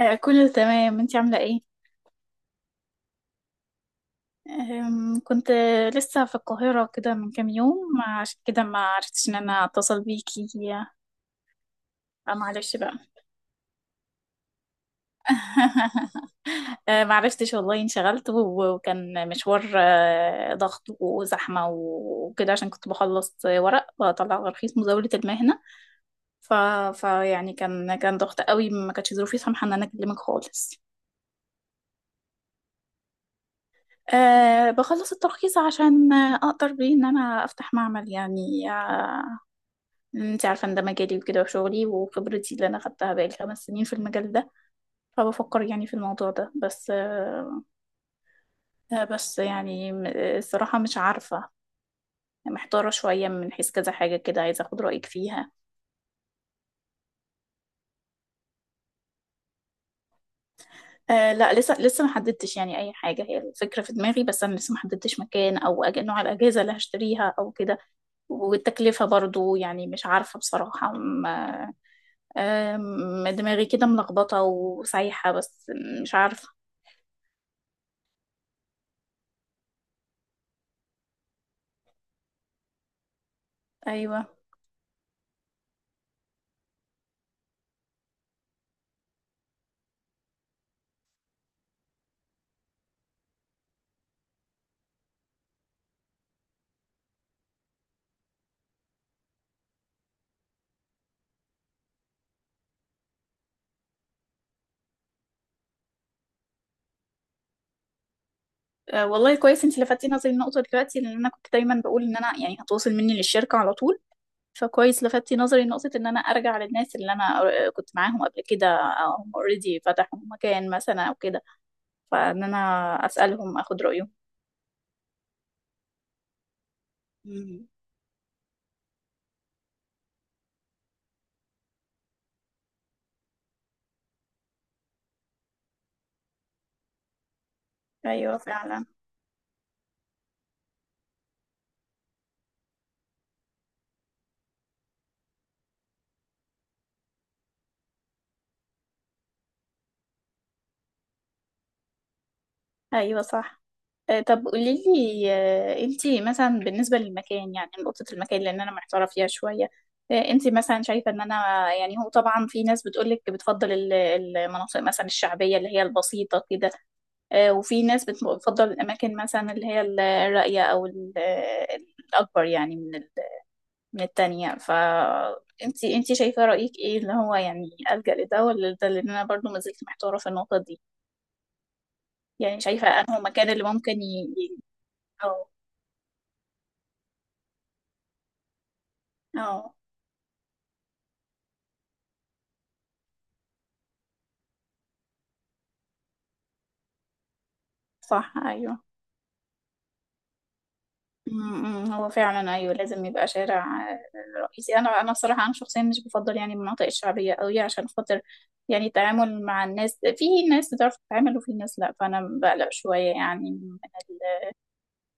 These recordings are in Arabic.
آه، كله تمام، انتي عاملة ايه؟ كنت لسه في القاهرة كده من كام يوم، عشان كده ما عرفتش ان انا اتصل بيكي. آه، معلش بقى. ما عرفتش والله، انشغلت وكان مشوار، ضغط وزحمة وكده، عشان كنت بخلص ورق بطلع ترخيص مزاولة المهنة. ف... فيعني كان ضغط قوي، ما كانتش ظروفي سامحة ان انا اكلمك خالص. أه، بخلص الترخيص عشان أقدر بيه إن أنا أفتح معمل، يعني انت عارفة ان ده مجالي وكده، وشغلي وخبرتي اللي انا خدتها بقالي 5 سنين في المجال ده. فبفكر يعني في الموضوع ده، بس بس يعني الصراحة مش عارفة، محتارة شوية من حيث كذا حاجة كده، عايزة اخد رأيك فيها. آه، لا، لسه ما حددتش يعني اي حاجة، هي الفكرة في دماغي، بس انا لسه ما حددتش مكان او نوع الاجهزة اللي هشتريها او كده. والتكلفة برضو يعني مش عارفة بصراحة دماغي كده ملخبطة وسايحة، بس مش عارفة. ايوه. والله كويس انت لفتتي نظري النقطة دلوقتي، لان انا كنت دايما بقول ان انا يعني هتواصل مني للشركة على طول. فكويس لفتتي نظري نقطة ان انا ارجع للناس اللي انا كنت معاهم قبل كده، أو هم اوريدي فتحوا مكان مثلا او كده. فان انا اسألهم اخد رأيهم. مم. ايوه فعلا. ايوه صح. طب قولي لي، انتي مثلا بالنسبة للمكان، يعني نقطة المكان، لأن أنا محتارة فيها شوية. انتي مثلا شايفة إن أنا، يعني هو طبعا في ناس بتقولك بتفضل المناطق مثلا الشعبية اللي هي البسيطة كده. وفي ناس بتفضل الأماكن مثلا اللي هي الراقية، أو الأكبر يعني من التانية. انتي شايفة رأيك ايه، اللي هو يعني ألجأ لده ولا ده، لأن أنا برضو ما زلت محتارة في النقطة دي. يعني شايفة أنه مكان اللي ممكن اه. اه. صح، ايوه. أمم، أمم، هو فعلا، ايوه لازم يبقى شارع رئيسي. انا بصراحه انا شخصيا مش بفضل يعني المناطق الشعبيه قوي، عشان خاطر يعني التعامل مع الناس، في ناس بتعرف تتعامل وفي ناس لا، فانا بقلق شويه يعني من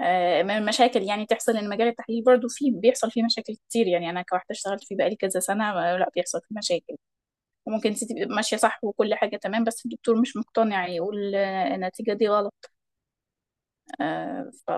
من المشاكل يعني تحصل، ان مجال التحليل برضو فيه بيحصل فيه مشاكل كتير، يعني انا كواحده اشتغلت فيه بقالي كذا سنه. لا، بيحصل فيه مشاكل، وممكن انت تبقي ماشيه صح وكل حاجه تمام، بس الدكتور مش مقتنع يقول النتيجه دي غلط. آه، ف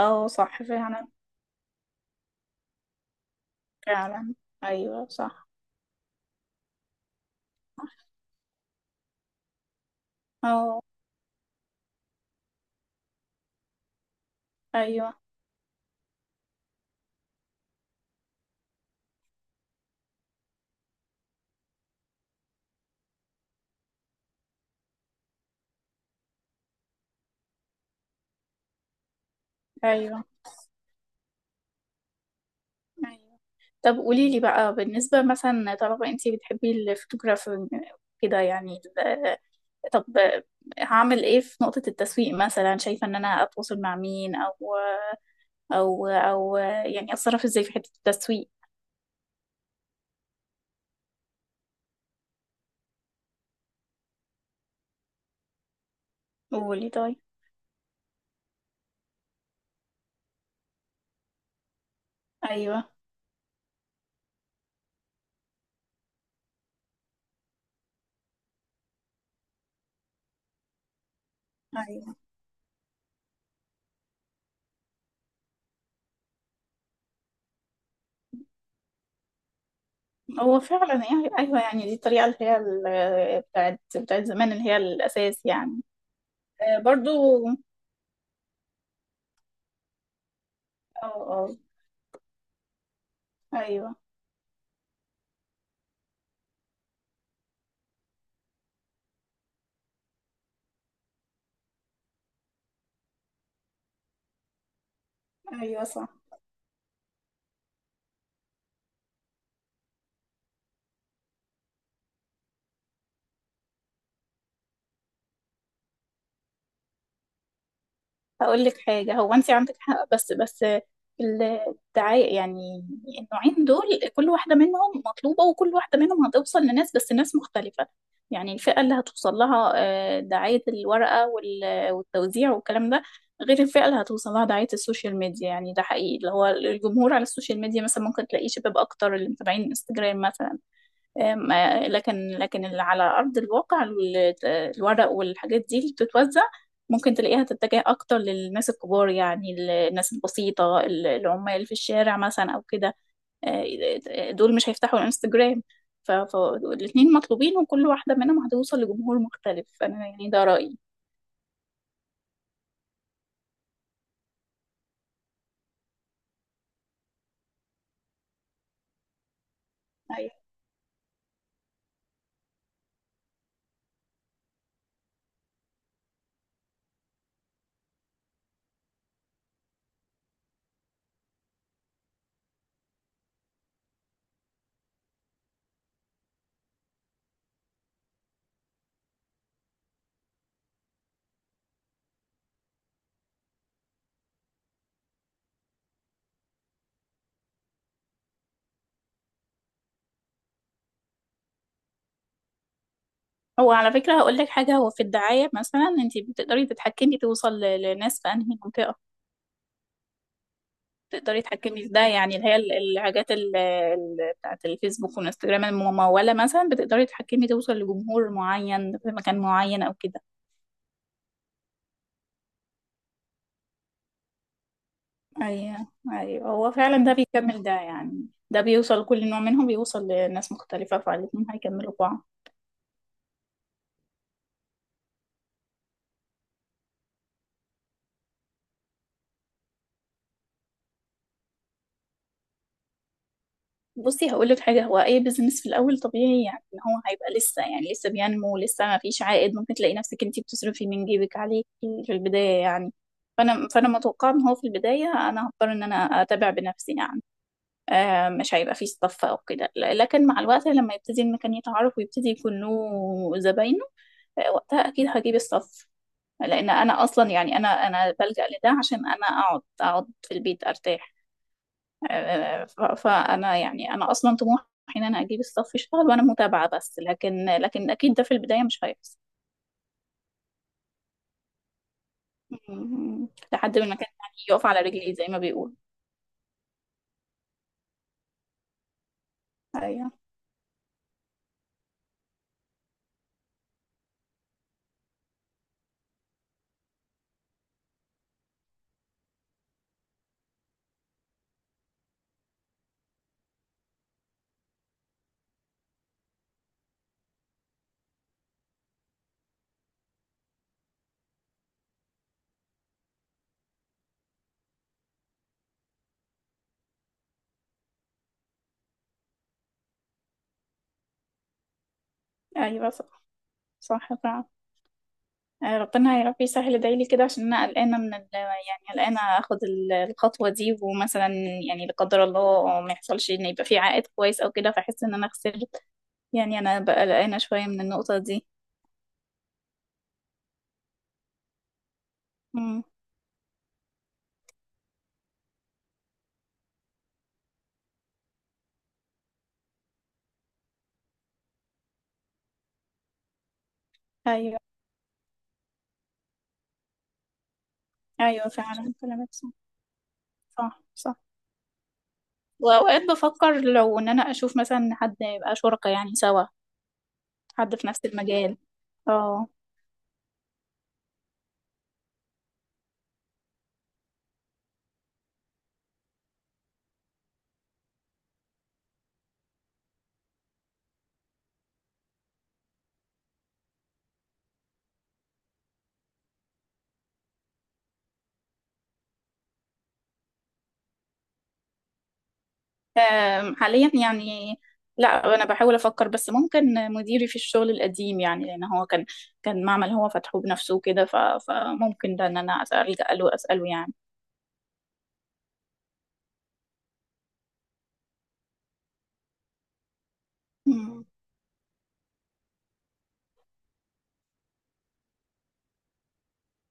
اه، صح فعلا. فعلا. ايوه صح. اه، ايوه، ايوه، ايوه. طب قولي لي بقى بالنسبه مثلا، طالما انتي بتحبي الفوتوغرافي كده، يعني طب، هعمل ايه في نقطه التسويق؟ مثلا شايفه ان انا اتواصل مع مين، او يعني اتصرف ازاي في حته التسويق؟ قولي. طيب، ايوه. ايوه، هو فعلا يعني، ايوه يعني دي الطريقه اللي هي بتاعت زمان، اللي هي الاساس يعني. برضو. اه. اه، ايوه، ايوه صح. هقول لك حاجة، هو انت عندك حق، بس الدعاية يعني، النوعين دول كل واحدة منهم مطلوبة، وكل واحدة منهم هتوصل لناس بس ناس مختلفة. يعني الفئة اللي هتوصل لها دعاية الورقة والتوزيع والكلام ده، غير الفئة اللي هتوصل لها دعاية السوشيال ميديا، يعني ده حقيقي، اللي هو الجمهور على السوشيال ميديا مثلا ممكن تلاقيه شباب أكتر، اللي متابعين انستجرام مثلا. أم، آه، لكن اللي على أرض الواقع الورق والحاجات دي اللي بتتوزع، ممكن تلاقيها تتجه أكتر للناس الكبار يعني، الناس البسيطة العمال في الشارع مثلا أو كده. دول مش هيفتحوا الانستجرام. فالاتنين مطلوبين، وكل واحدة منهم هتوصل لجمهور مختلف، أنا يعني ده رأيي. أيوة. هو على فكرة هقول لك حاجة، هو في الدعاية مثلا انت بتقدري تتحكمي توصل لناس في انهي منطقة، تقدري تتحكمي في ده، يعني اللي هي الحاجات بتاعت الفيسبوك والانستجرام الممولة مثلا، بتقدري تتحكمي توصل لجمهور معين في مكان معين او كده. ايوه. ايوه، هو فعلا ده بيكمل ده، يعني ده بيوصل، كل نوع منهم بيوصل لناس مختلفة، فالاتنين هيكملوا بعض. بصي هقول لك حاجة، هو أي بيزنس في الأول طبيعي، يعني إن هو هيبقى لسه، يعني لسه بينمو، لسه ما فيش عائد، ممكن تلاقي نفسك أنتي بتصرفي من جيبك عليه في البداية يعني. فأنا متوقعة إن هو في البداية أنا هضطر إن أنا أتابع بنفسي يعني. مش هيبقى فيه صف او كده، لكن مع الوقت لما يبتدي المكان يتعرف ويبتدي يكون له زباينه، وقتها اكيد هجيب الصف، لان انا اصلا يعني، انا بلجأ لده عشان انا اقعد في البيت ارتاح. فانا يعني انا اصلا طموحي ان انا اجيب الصف يشتغل وانا متابعة بس، لكن اكيد ده في البداية مش هيحصل. م- لحد ما المكان يعني يقف على رجليه، زي ما بيقول. ايوه، ايوه صح. صح، فعلا. ربنا يا رب يسهل، ادعيلي كده عشان انا قلقانه من يعني قلقانه اخد الخطوه دي، ومثلا يعني لا قدر الله ما يحصلش ان يبقى في عائد كويس او كده، فاحس ان انا خسرت. يعني انا بقى قلقانه شويه من النقطه دي. امم. ايوه. ايوه فعلا، كلامك صح. صح، صح. واوقات بفكر، لو ان انا اشوف مثلا حد يبقى شركة يعني سوا، حد في نفس المجال. اه. حاليا يعني، لا انا بحاول افكر، بس ممكن مديري في الشغل القديم يعني، لان هو كان معمل هو فتحه بنفسه كده، فممكن ده ان انا الجا له اساله يعني. مم.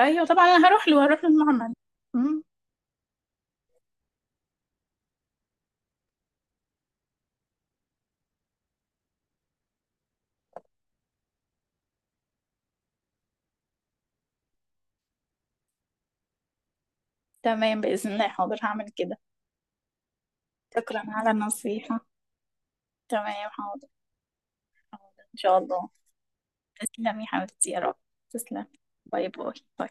ايوه طبعا، انا هروح له، هروح للمعمل. مم. تمام باذن الله، حاضر هعمل كده. شكرا على النصيحه. تمام حاضر. حاضر ان شاء الله. تسلمي حبيبتي، يا رب. تسلمي. باي باي.